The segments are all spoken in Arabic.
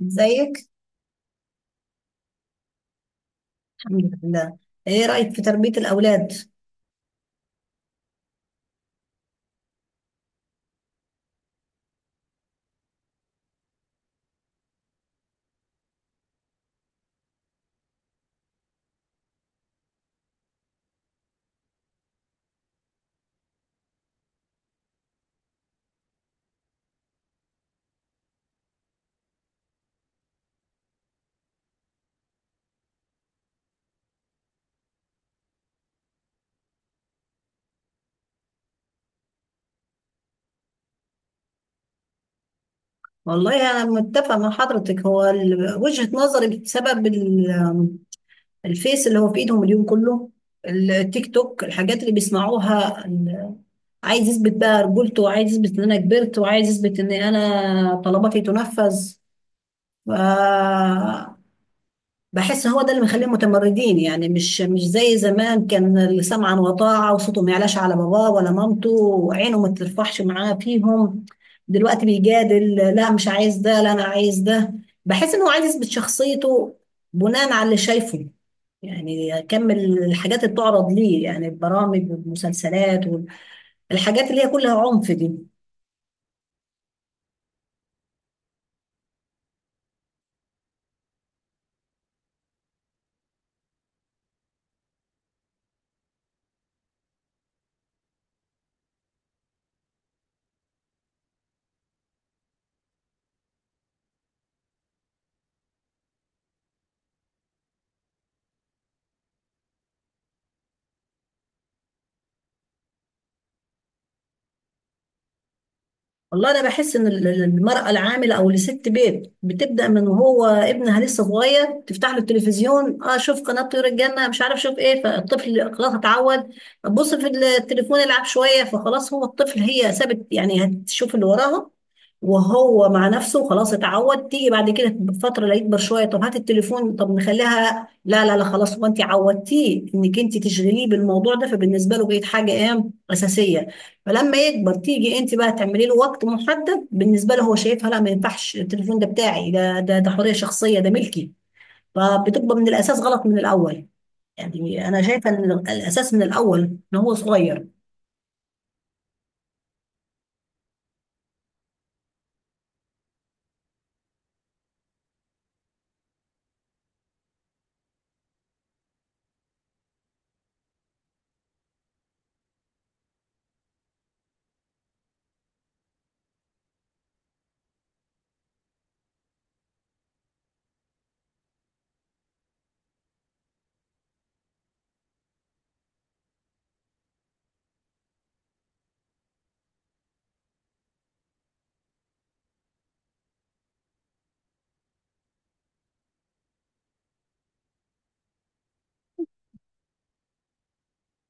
زيك. الحمد لله. ايه رأيك في تربية الأولاد؟ والله أنا متفقة مع حضرتك. هو وجهة نظري بسبب الفيس اللي هو في إيدهم اليوم كله، التيك توك، الحاجات اللي بيسمعوها. عايز يثبت بقى رجولته، وعايز يثبت إن أنا كبرت، وعايز يثبت إن أنا طلباتي تنفذ. بحس هو ده اللي مخليهم متمردين، يعني مش زي زمان، كان اللي سمعا وطاعة وصوته ما يعلاش على باباه ولا مامته وعينه ما ترفعش معاه فيهم. دلوقتي بيجادل، لا مش عايز ده، لا انا عايز ده. بحس انه عايز يثبت شخصيته بناء على اللي شايفه، يعني يكمل الحاجات اللي بتعرض ليه، يعني البرامج والمسلسلات والحاجات اللي هي كلها عنف دي. والله انا بحس ان المراه العامله او لست بيت بتبدا من وهو ابنها لسه صغير، تفتح له التلفزيون. اه، شوف قناه طيور الجنه، مش عارف شوف ايه. فالطفل خلاص اتعود. بص في التليفون يلعب شويه، فخلاص هو الطفل، هي سابت يعني هتشوف اللي وراها وهو مع نفسه، خلاص اتعود. تيجي بعد كده بفتره، لا يكبر شويه، طب هات التليفون، طب نخليها، لا لا لا خلاص. هو انت عودتيه انك انت تشغليه بالموضوع ده، فبالنسبه له بقت حاجه ايه؟ اساسيه. فلما يكبر تيجي انت بقى تعملي له وقت محدد، بالنسبه له هو شايفها لا ما ينفعش، التليفون ده بتاعي، ده حريه شخصيه، ده ملكي. فبتبقى من الاساس غلط من الاول. يعني انا شايفه ان الاساس من الاول ان هو صغير.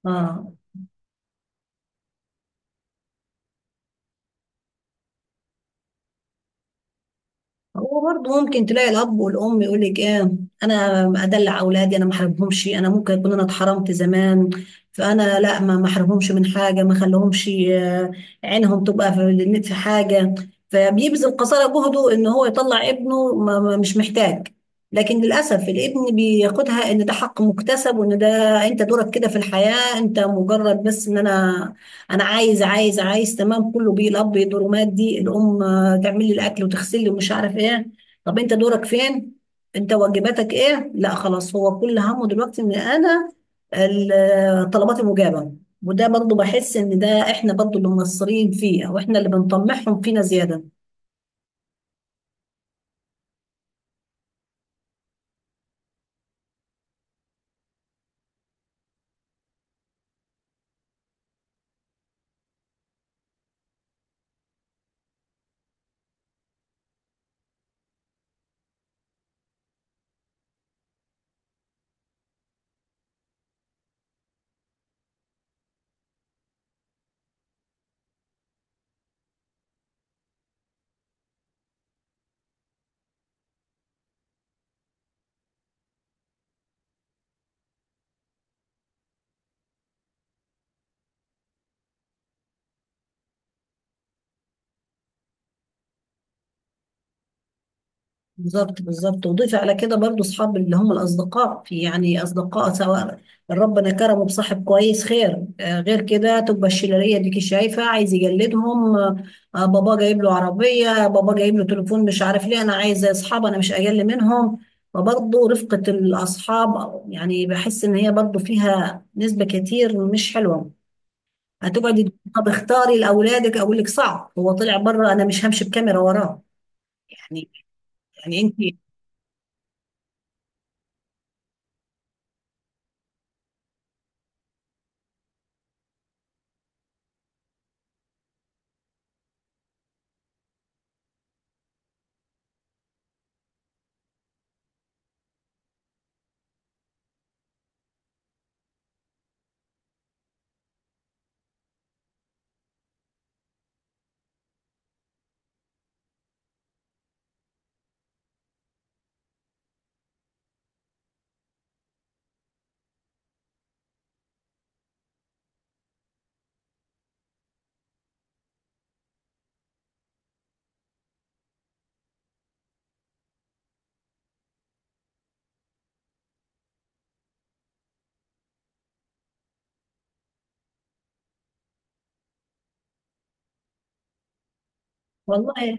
اه. هو برضه ممكن تلاقي الاب والام يقول لك ايه؟ انا ادلع اولادي، انا ما حرمهمش، انا ممكن اكون انا اتحرمت زمان، فانا لا، ما احرمهمش من حاجه، ما خليهمش عينهم تبقى في حاجه. فبيبذل قصارى جهده ان هو يطلع ابنه مش محتاج. لكن للاسف الابن بياخدها ان ده حق مكتسب، وان ده انت دورك كده في الحياه، انت مجرد بس ان انا، انا عايز عايز عايز تمام كله بيه. الاب يدور مادي، الام تعمل لي الاكل وتغسل لي ومش عارف ايه. طب انت دورك فين؟ انت واجباتك ايه؟ لا خلاص، هو كل همه دلوقتي ان انا طلباتي مجابه. وده برضه بحس ان ده احنا برضه اللي مقصرين فيه، او احنا اللي بنطمعهم فينا زياده. بالظبط بالظبط. وضيف على كده برضو اصحاب، اللي هم الاصدقاء، في يعني اصدقاء، سواء ربنا كرمه بصاحب كويس خير، غير كده تبقى الشلاليه ديكي شايفه عايز يجلدهم. بابا جايب له عربيه، بابا جايب له تليفون، مش عارف ليه، انا عايز اصحاب، انا مش اقل منهم. فبرضه رفقه الاصحاب يعني بحس ان هي برضه فيها نسبه كتير مش حلوه. هتقعدي تقولي طب اختاري لاولادك، اقول لك صعب، هو طلع بره، انا مش همشي بكاميرا وراه. يعني. يعني انت. والله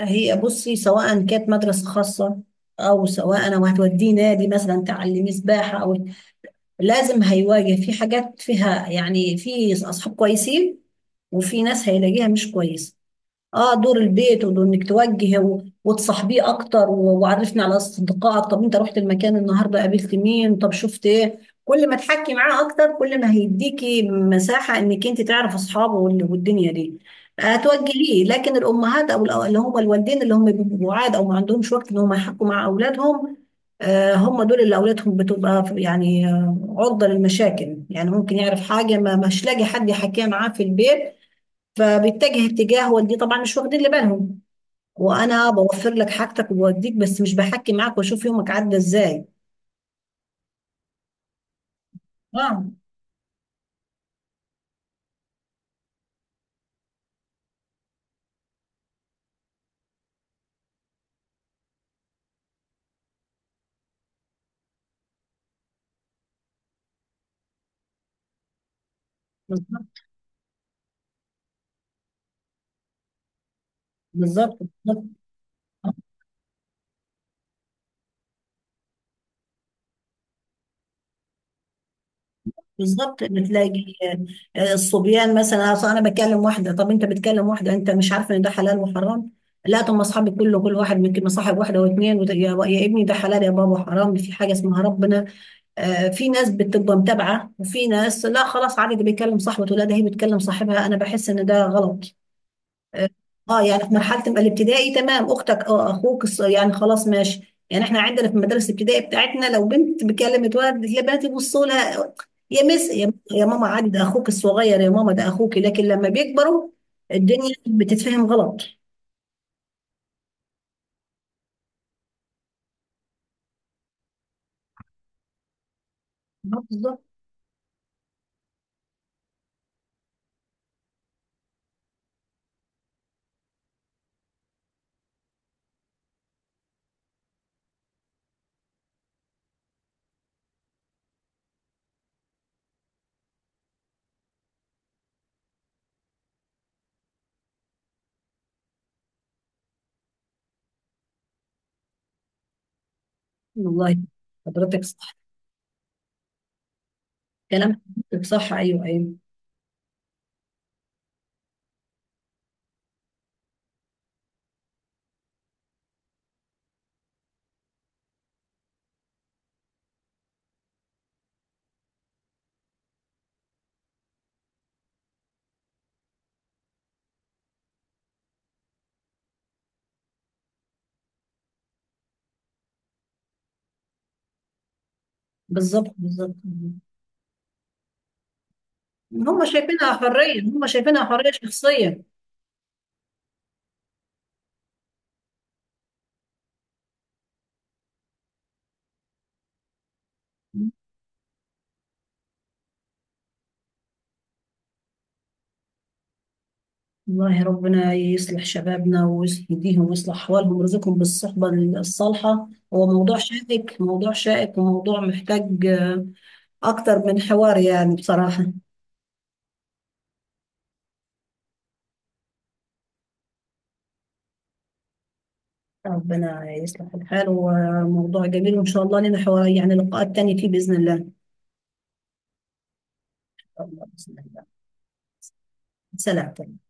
هي بصي، سواء كانت مدرسة خاصة أو سواء أنا وهتوديه نادي مثلا تعلمي سباحة، أو لازم هيواجه في حاجات فيها، يعني في أصحاب كويسين وفي ناس هيلاقيها مش كويسة. اه دور البيت، وانك توجه وتصاحبيه اكتر وعرفني على اصدقائك، طب انت رحت المكان النهارده قابلت مين، طب شفت ايه. كل ما تحكي معاه اكتر كل ما هيديكي مساحه انك انت تعرف اصحابه والدنيا دي هتوجهيه. لكن الامهات او اللي هم الوالدين اللي هم بيبقوا بعاد او ما عندهمش وقت ان هم يحكوا مع اولادهم، هم دول اللي اولادهم بتبقى يعني عرضه للمشاكل، يعني ممكن يعرف حاجه ما مش لاقي حد يحكيها معاه في البيت فبيتجه اتجاه والدي طبعا مش واخدين اللي بالهم، وانا بوفر لك حاجتك وبوديك بس مش بحكي معاك واشوف يومك عدى ازاي. اه بالظبط بالظبط. بالظبط بالظبط. بتلاقي الصبيان مثلا، أصل انا بكلم واحده، طب انت بتكلم واحده، انت مش عارفه ان ده حلال وحرام؟ لا طب ما اصحابي كله كل واحد ممكن مصاحب واحده واثنين يا ابني ده حلال يا بابا، حرام، في حاجه اسمها ربنا. في ناس بتبقى متابعه، وفي ناس لا خلاص عادي ده بيكلم صاحبته، لا ده هي بتكلم صاحبها، انا بحس ان ده غلط. اه يعني في مرحله ما الابتدائي تمام، اختك، اه اخوك يعني خلاص ماشي، يعني احنا عندنا في المدارس الابتدائي بتاعتنا لو بنت بكلمت ولد البنات يبصوا لها يا مس، يا ماما عادي ده اخوك الصغير يا ماما ده اخوك، لكن لما بيكبروا الدنيا بتتفهم غلط. بالظبط. والله حضرتك صح. كلام حضرتك صح. ايوه ايوه. بالظبط بالظبط. هم شايفينها حريه، هم شايفينها حريه شخصيه. والله ربنا يصلح شبابنا ويهديهم ويصلح أحوالهم ويرزقهم بالصحبة الصالحة. هو موضوع شائك، موضوع شائك، وموضوع محتاج أكتر من حوار يعني بصراحة. ربنا يصلح الحال، وموضوع جميل، وإن شاء الله لنا حوار يعني لقاءات تانية فيه بإذن الله. إن شاء الله. بإذن الله. سلام.